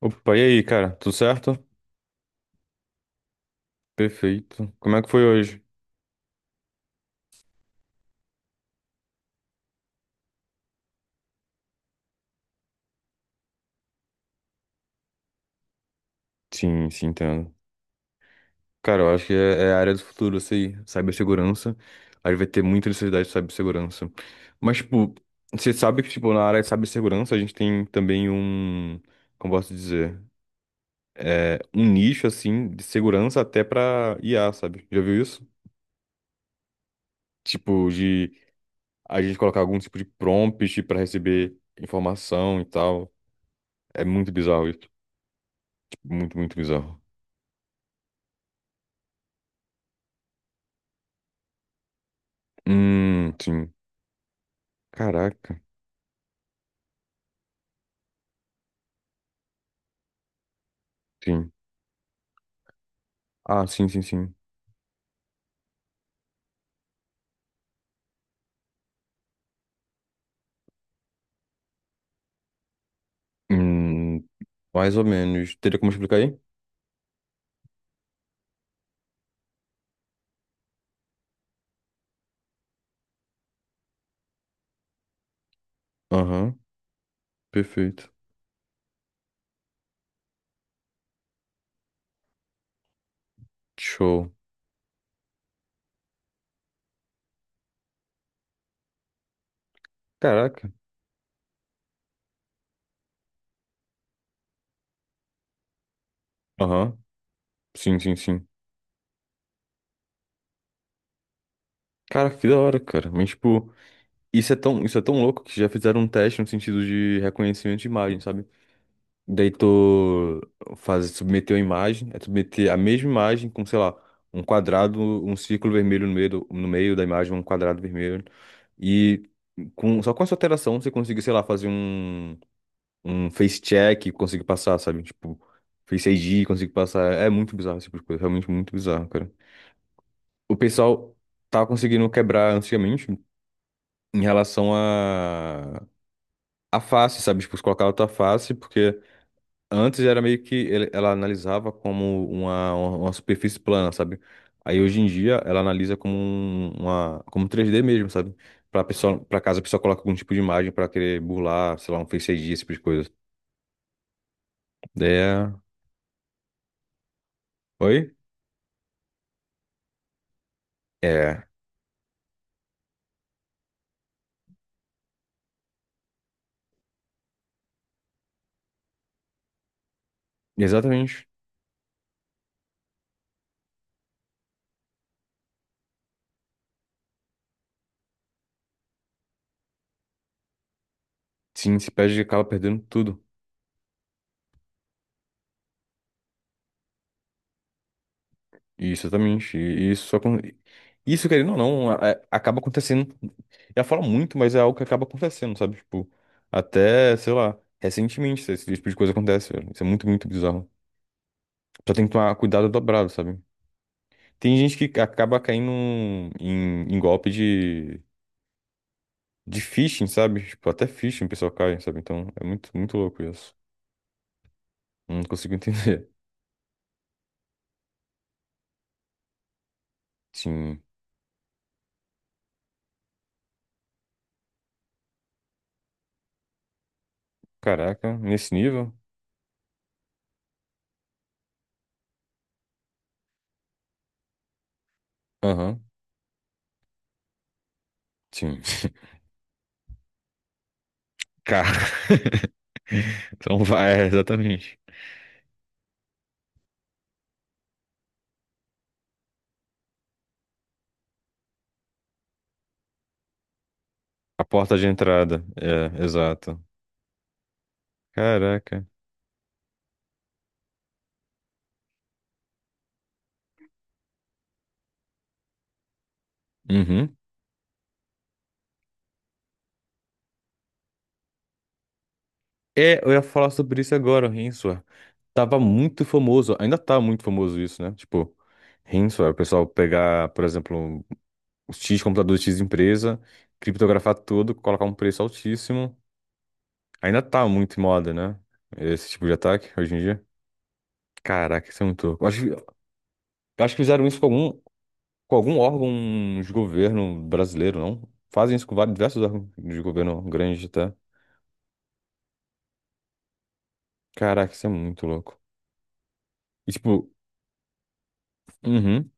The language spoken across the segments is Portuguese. Opa, e aí, cara? Tudo certo? Perfeito. Como é que foi hoje? Sim, sim, entendo. Cara, eu acho que é a área do futuro, isso aí. Cibersegurança. A gente vai ter muita necessidade de cibersegurança. Mas, tipo, você sabe que, tipo, na área de cibersegurança a gente tem também um, como posso dizer, é, um nicho, assim, de segurança até pra IA, sabe? Já viu isso? Tipo, de a gente colocar algum tipo de prompt pra receber informação e tal. É muito bizarro isso. Tipo, muito bizarro. Sim. Caraca, sim. Ah, sim, sim, sim. Hum, mais ou menos. Teria como explicar aí? Aham, perfeito. Show. Caraca. Aham, sim, sim, sim. Cara, que da hora, cara. Mas, tipo, isso é tão louco que já fizeram um teste no sentido de reconhecimento de imagem, sabe? Daí tu faz, submeteu a imagem, é submeter a mesma imagem com, sei lá, um quadrado, um círculo vermelho no meio, no meio da imagem, um quadrado vermelho. E com, só com essa alteração você consegue sei lá, fazer um. Um face check e consigo passar, sabe? Tipo, Face ID e consigo passar. É muito bizarro esse tipo de coisa, realmente muito bizarro, cara. O pessoal tava conseguindo quebrar antigamente em relação a face, sabe? Tipo, colocar outra face, porque antes era meio que ela analisava como uma superfície plana, sabe? Aí hoje em dia ela analisa como uma como 3D mesmo, sabe? Pra pessoa, pra caso a pessoa coloque algum tipo de imagem pra querer burlar, sei lá, um Face ID, esse tipo de coisa. Daí é... Oi? É exatamente. Sim, se perde, acaba perdendo tudo. Isso, exatamente. E isso só Isso, querendo ou não, acaba acontecendo. Eu falo muito, mas é algo que acaba acontecendo, sabe? Tipo, até, sei lá, recentemente esse tipo de coisa acontece, velho. Isso é muito bizarro. Só tem que tomar cuidado dobrado, sabe? Tem gente que acaba caindo em, em golpe de phishing, sabe? Tipo, até phishing o pessoal cai, sabe? Então, é muito louco isso. Não consigo entender. Sim. Caraca, nesse nível? Aham. Sim. Cara. Então vai, é, exatamente. A porta de entrada. É, exato. Caraca. Uhum. É, eu ia falar sobre isso agora, o Rinsua. Tava muito famoso, ainda tá muito famoso isso, né? Tipo, Rinsua, o pessoal pegar, por exemplo, os X computador X empresa, criptografar tudo, colocar um preço altíssimo. Ainda tá muito em moda, né? Esse tipo de ataque hoje em dia. Caraca, isso é muito louco. Eu acho que fizeram isso com algum, com algum órgão de governo brasileiro, não? Fazem isso com vários, diversos órgãos de governo grande até. Caraca, isso é muito louco. E, tipo, uhum,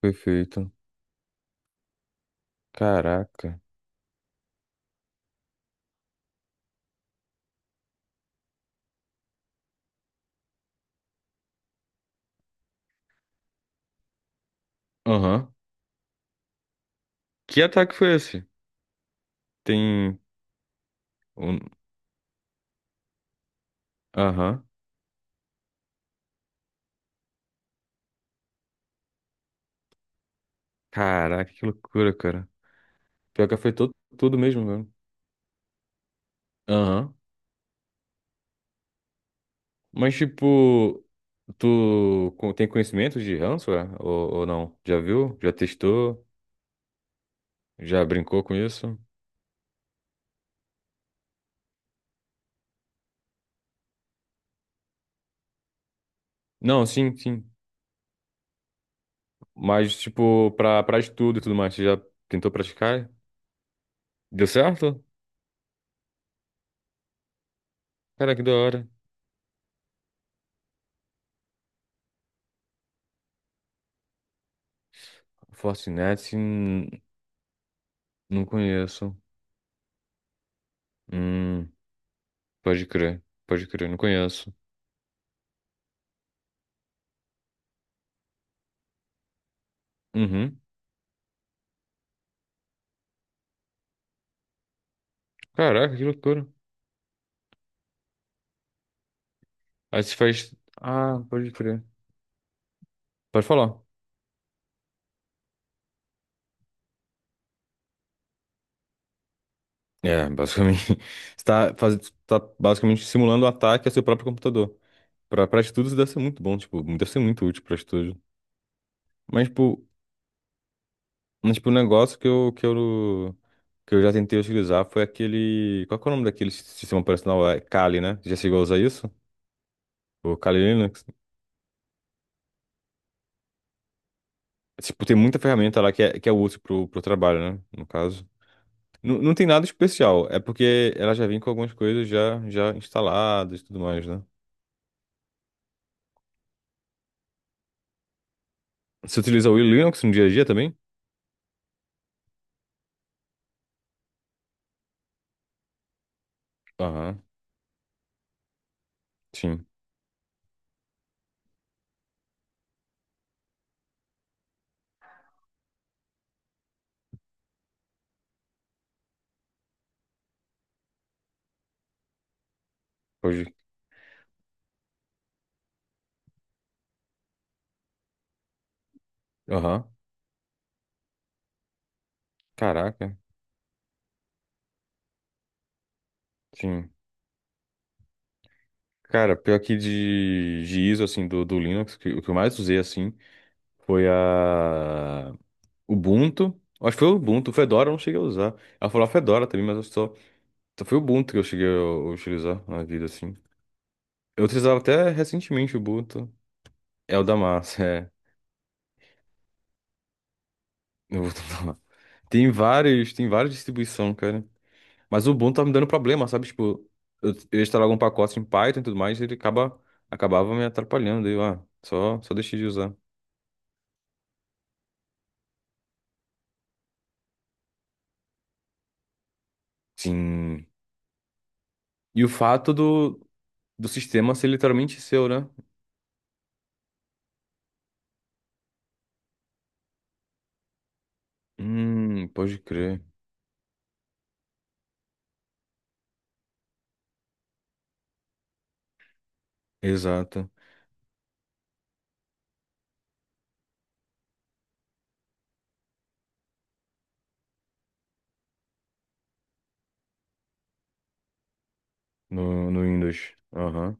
perfeito. Caraca. Aham. Que ataque foi esse? Tem um... Aham. Caraca, que loucura, cara. Pior que afetou tudo mesmo, velho. Aham. Mas, tipo, tu tem conhecimento de ransomware ou não? Já viu? Já testou? Já brincou com isso? Não, sim, sim. Mas, tipo, pra, pra estudo e tudo mais, você já tentou praticar? Deu certo? Cara, que da hora. Fortinet, não conheço. Hum, pode crer, não conheço. Uhum. Caraca, que loucura. Aí você faz. Ah, pode crer. Pode falar. É, basicamente. Você tá, faz... tá basicamente simulando o ataque ao seu próprio computador. Pra, pra estudos deve ser muito bom, tipo, deve ser muito útil pra estudo. Mas, tipo, mas, tipo, o negócio que eu já tentei utilizar foi aquele. Qual que é o nome daquele sistema operacional? É Kali, né? Já chegou a usar isso? O Kali Linux? Tipo, tem muita ferramenta lá que é útil pro, pro trabalho, né? No caso. Não, não tem nada especial, é porque ela já vem com algumas coisas já, já instaladas e tudo mais, né? Você utiliza o Linux no dia a dia também? Aham, sim. Hoje. Aham. Caraca, sim. Cara, pior que de ISO, assim, do, do Linux, que, o que eu mais usei, assim, foi a. Ubuntu. Acho que foi o Ubuntu. Fedora eu não cheguei a usar. Ela falou a Fedora também, mas eu só, só foi o Ubuntu que eu cheguei a utilizar na vida, assim. Eu utilizava até recentemente o Ubuntu. É o da massa, é. O Ubuntu da massa. Tem vários, tem várias distribuições, cara. Mas o Ubuntu tá me dando problema, sabe? Tipo, eu instalava algum pacote em Python e tudo mais, acabava me atrapalhando. Daí eu, ah, só, só deixei de usar. Sim. E o fato do, do sistema ser literalmente seu, né? Pode crer. Exato. No, no Windows. Aham.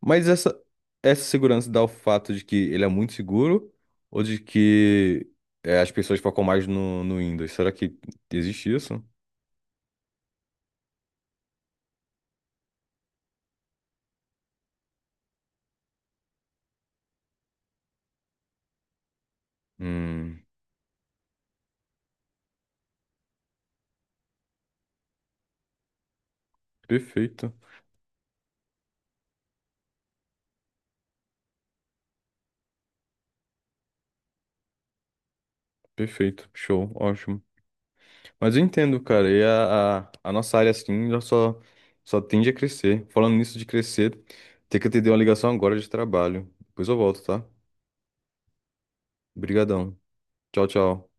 Mas essa segurança dá o fato de que ele é muito seguro ou de que é, as pessoas focam mais no, no Windows? Será que existe isso? Hum, perfeito, perfeito, show, ótimo. Mas eu entendo, cara, e a nossa área assim já só, só tende a crescer. Falando nisso de crescer, tem que atender uma ligação agora de trabalho. Depois eu volto, tá? Obrigadão. Tchau, tchau.